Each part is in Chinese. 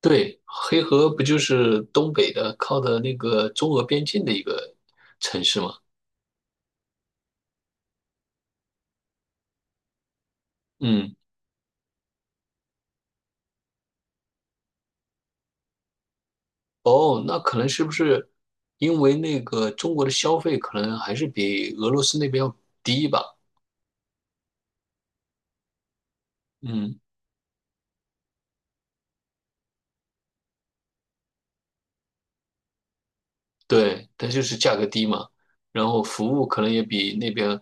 对，黑河不就是东北的，靠的那个中俄边境的一个城市吗？嗯。哦，那可能是不是因为那个中国的消费可能还是比俄罗斯那边要低吧？嗯，对，它就是价格低嘛，然后服务可能也比那边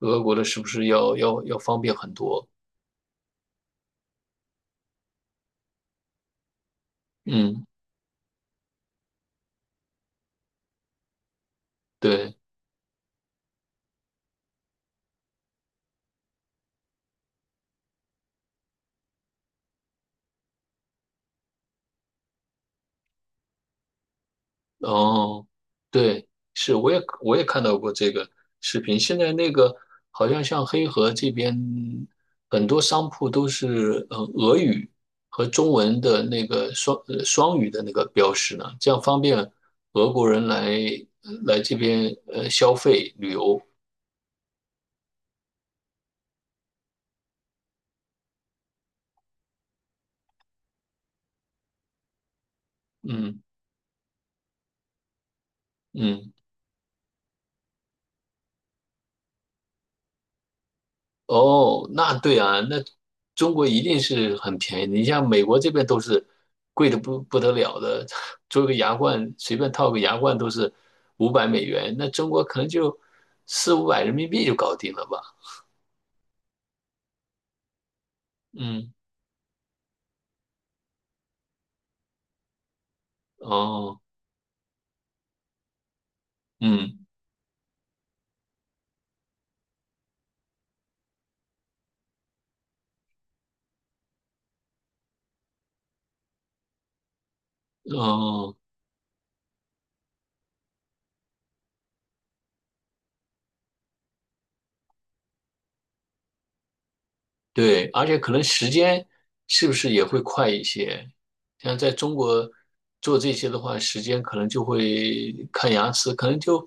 俄国的是不是要方便很多？嗯，对。哦，对，是，我也看到过这个视频。现在那个好像像黑河这边很多商铺都是俄语和中文的那个双语的那个标识呢，这样方便俄国人来这边消费旅游。嗯嗯。哦，那对啊，那中国一定是很便宜的。你像美国这边都是贵的不得了的，做个牙冠随便套个牙冠都是$500，那中国可能就四五百人民币就搞定了吧？嗯。哦。嗯。哦。对，而且可能时间是不是也会快一些？像在中国做这些的话，时间可能就会看牙齿，可能就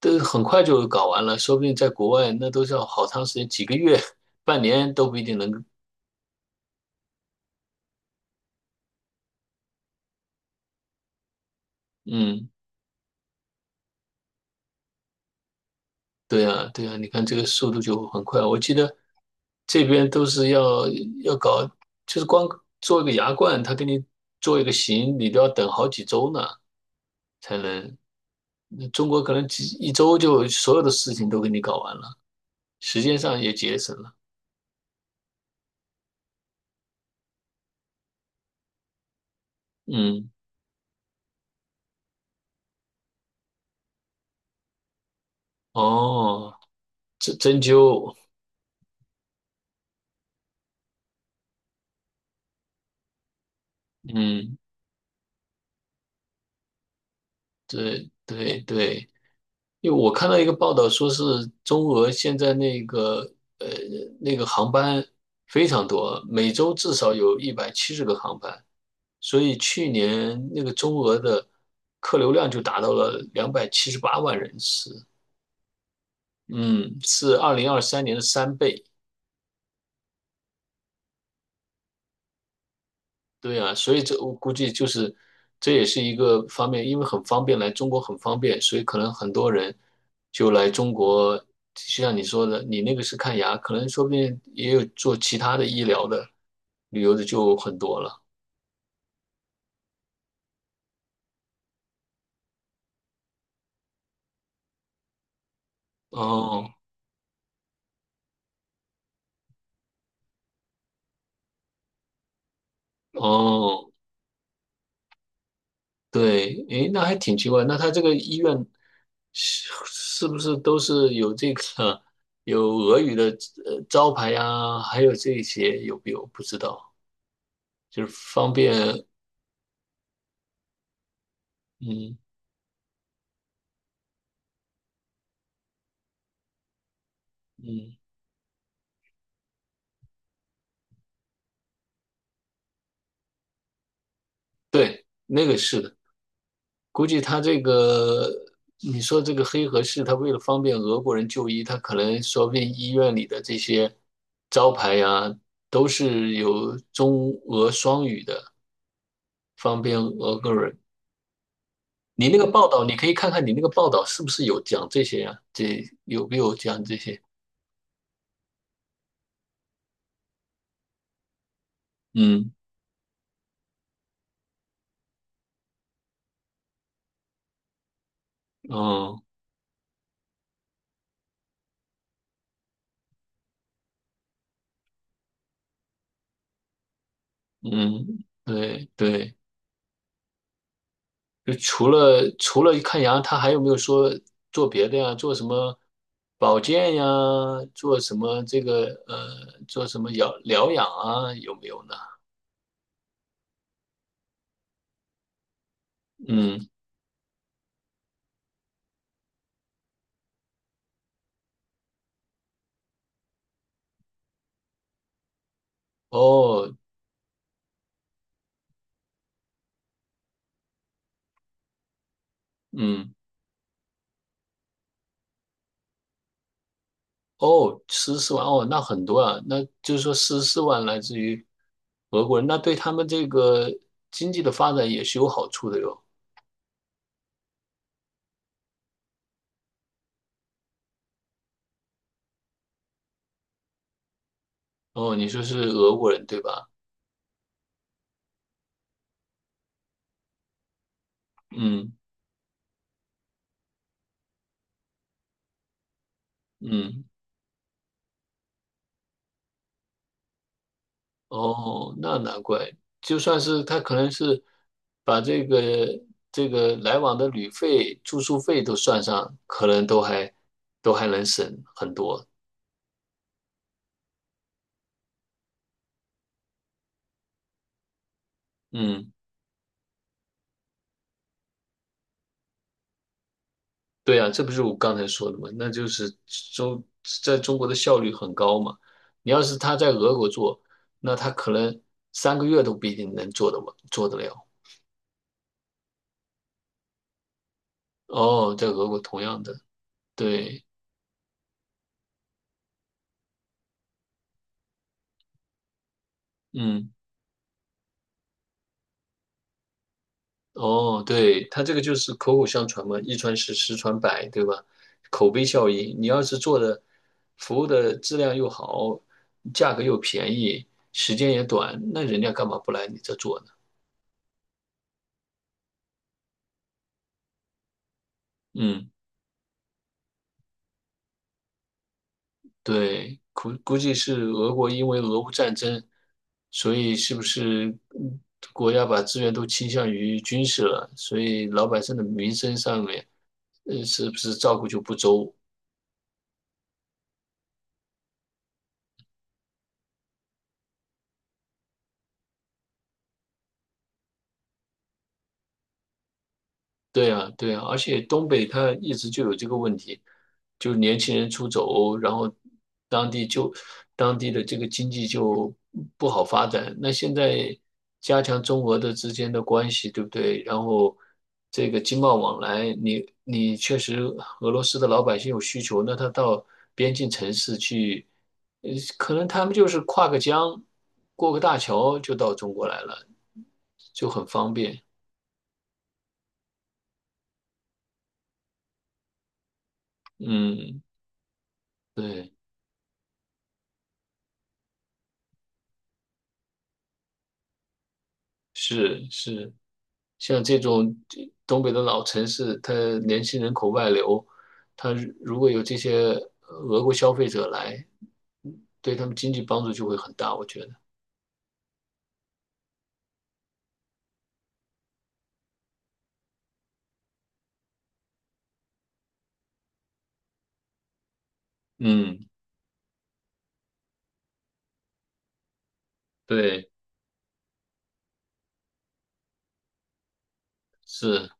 都很快就搞完了。说不定在国外那都是要好长时间，几个月、半年都不一定能。嗯，对啊，对啊，你看这个速度就很快。我记得这边都是要搞，就是光做一个牙冠，他给你做一个形，你都要等好几周呢。才能。那中国可能一周就所有的事情都给你搞完了，时间上也节省了。嗯。哦，针灸，嗯，对对对，因为我看到一个报道说是中俄现在呃那个航班非常多，每周至少有170个航班，所以去年那个中俄的客流量就达到了278万人次，嗯，是2023年的3倍。对啊，所以这我估计就是这也是一个方面，因为很方便，来中国很方便，所以可能很多人就来中国。就像你说的，你那个是看牙，可能说不定也有做其他的医疗的、旅游的就很多了。哦哦，对，诶，那还挺奇怪。那他这个医院是不是都是有这个有俄语的招牌呀？还有这些有没有？不知道，就是方便。嗯嗯，对，那个是的，估计他这个，你说这个黑河市，他为了方便俄国人就医，他可能说不定医院里的这些招牌呀，都是有中俄双语的，方便俄国人。你那个报道，你可以看看你那个报道是不是有讲这些呀？这有没有讲这些？嗯。哦。嗯，对对。就除了看牙，他还有没有说做别的呀？做什么保健呀？做什么做什么疗养啊？有没有呢？嗯。哦。嗯。哦，十四万哦，那很多啊，那就是说十四万来自于俄国人，那对他们这个经济的发展也是有好处的哟。哦，你说是俄国人对吧？嗯嗯。哦，那难怪，就算是他可能是把这个来往的旅费、住宿费都算上，可能都还能省很多。嗯，对啊，这不是我刚才说的嘛？那就是中在中国的效率很高嘛。你要是他在俄国做，那他可能3个月都不一定能做得完，做得了。哦，在俄国同样的，对，嗯。哦，对，它这个就是口口相传嘛，一传十，十传百，对吧？口碑效应，你要是做的服务的质量又好，价格又便宜，时间也短，那人家干嘛不来你这做呢？嗯，对，估计是俄国因为俄乌战争，所以是不是嗯国家把资源都倾向于军事了，所以老百姓的民生上面，是不是照顾就不周？对啊，对啊，而且东北它一直就有这个问题，就是年轻人出走，然后当地就当地的这个经济就不好发展。那现在加强中俄的之间的关系，对不对？然后这个经贸往来，你确实俄罗斯的老百姓有需求，那他到边境城市去，呃，可能他们就是跨个江，过个大桥就到中国来了，就很方便。嗯，对。是是，像这种东北的老城市，它年轻人口外流，它如果有这些俄国消费者来，对他们经济帮助就会很大，我觉得。嗯，对，是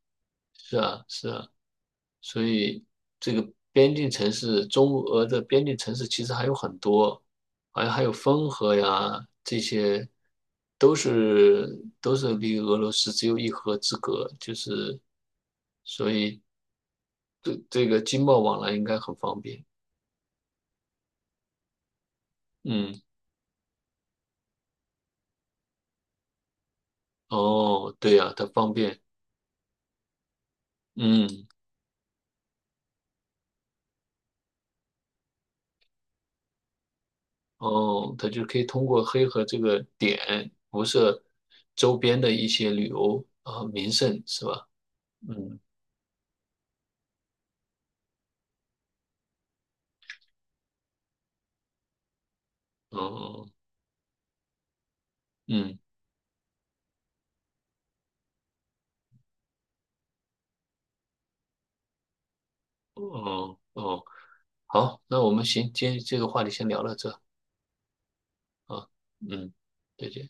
是啊是啊，所以这个边境城市，中俄的边境城市其实还有很多，好像还有汾河呀，这些都是都是离俄罗斯只有一河之隔，就是所以这个经贸往来应该很方便。嗯。哦，对呀，它方便。嗯。哦，它就可以通过黑河这个点辐射周边的一些旅游啊、名胜，是吧？嗯。哦。嗯。哦哦，好，那我们行，今天这个话题先聊到这啊，嗯，再见。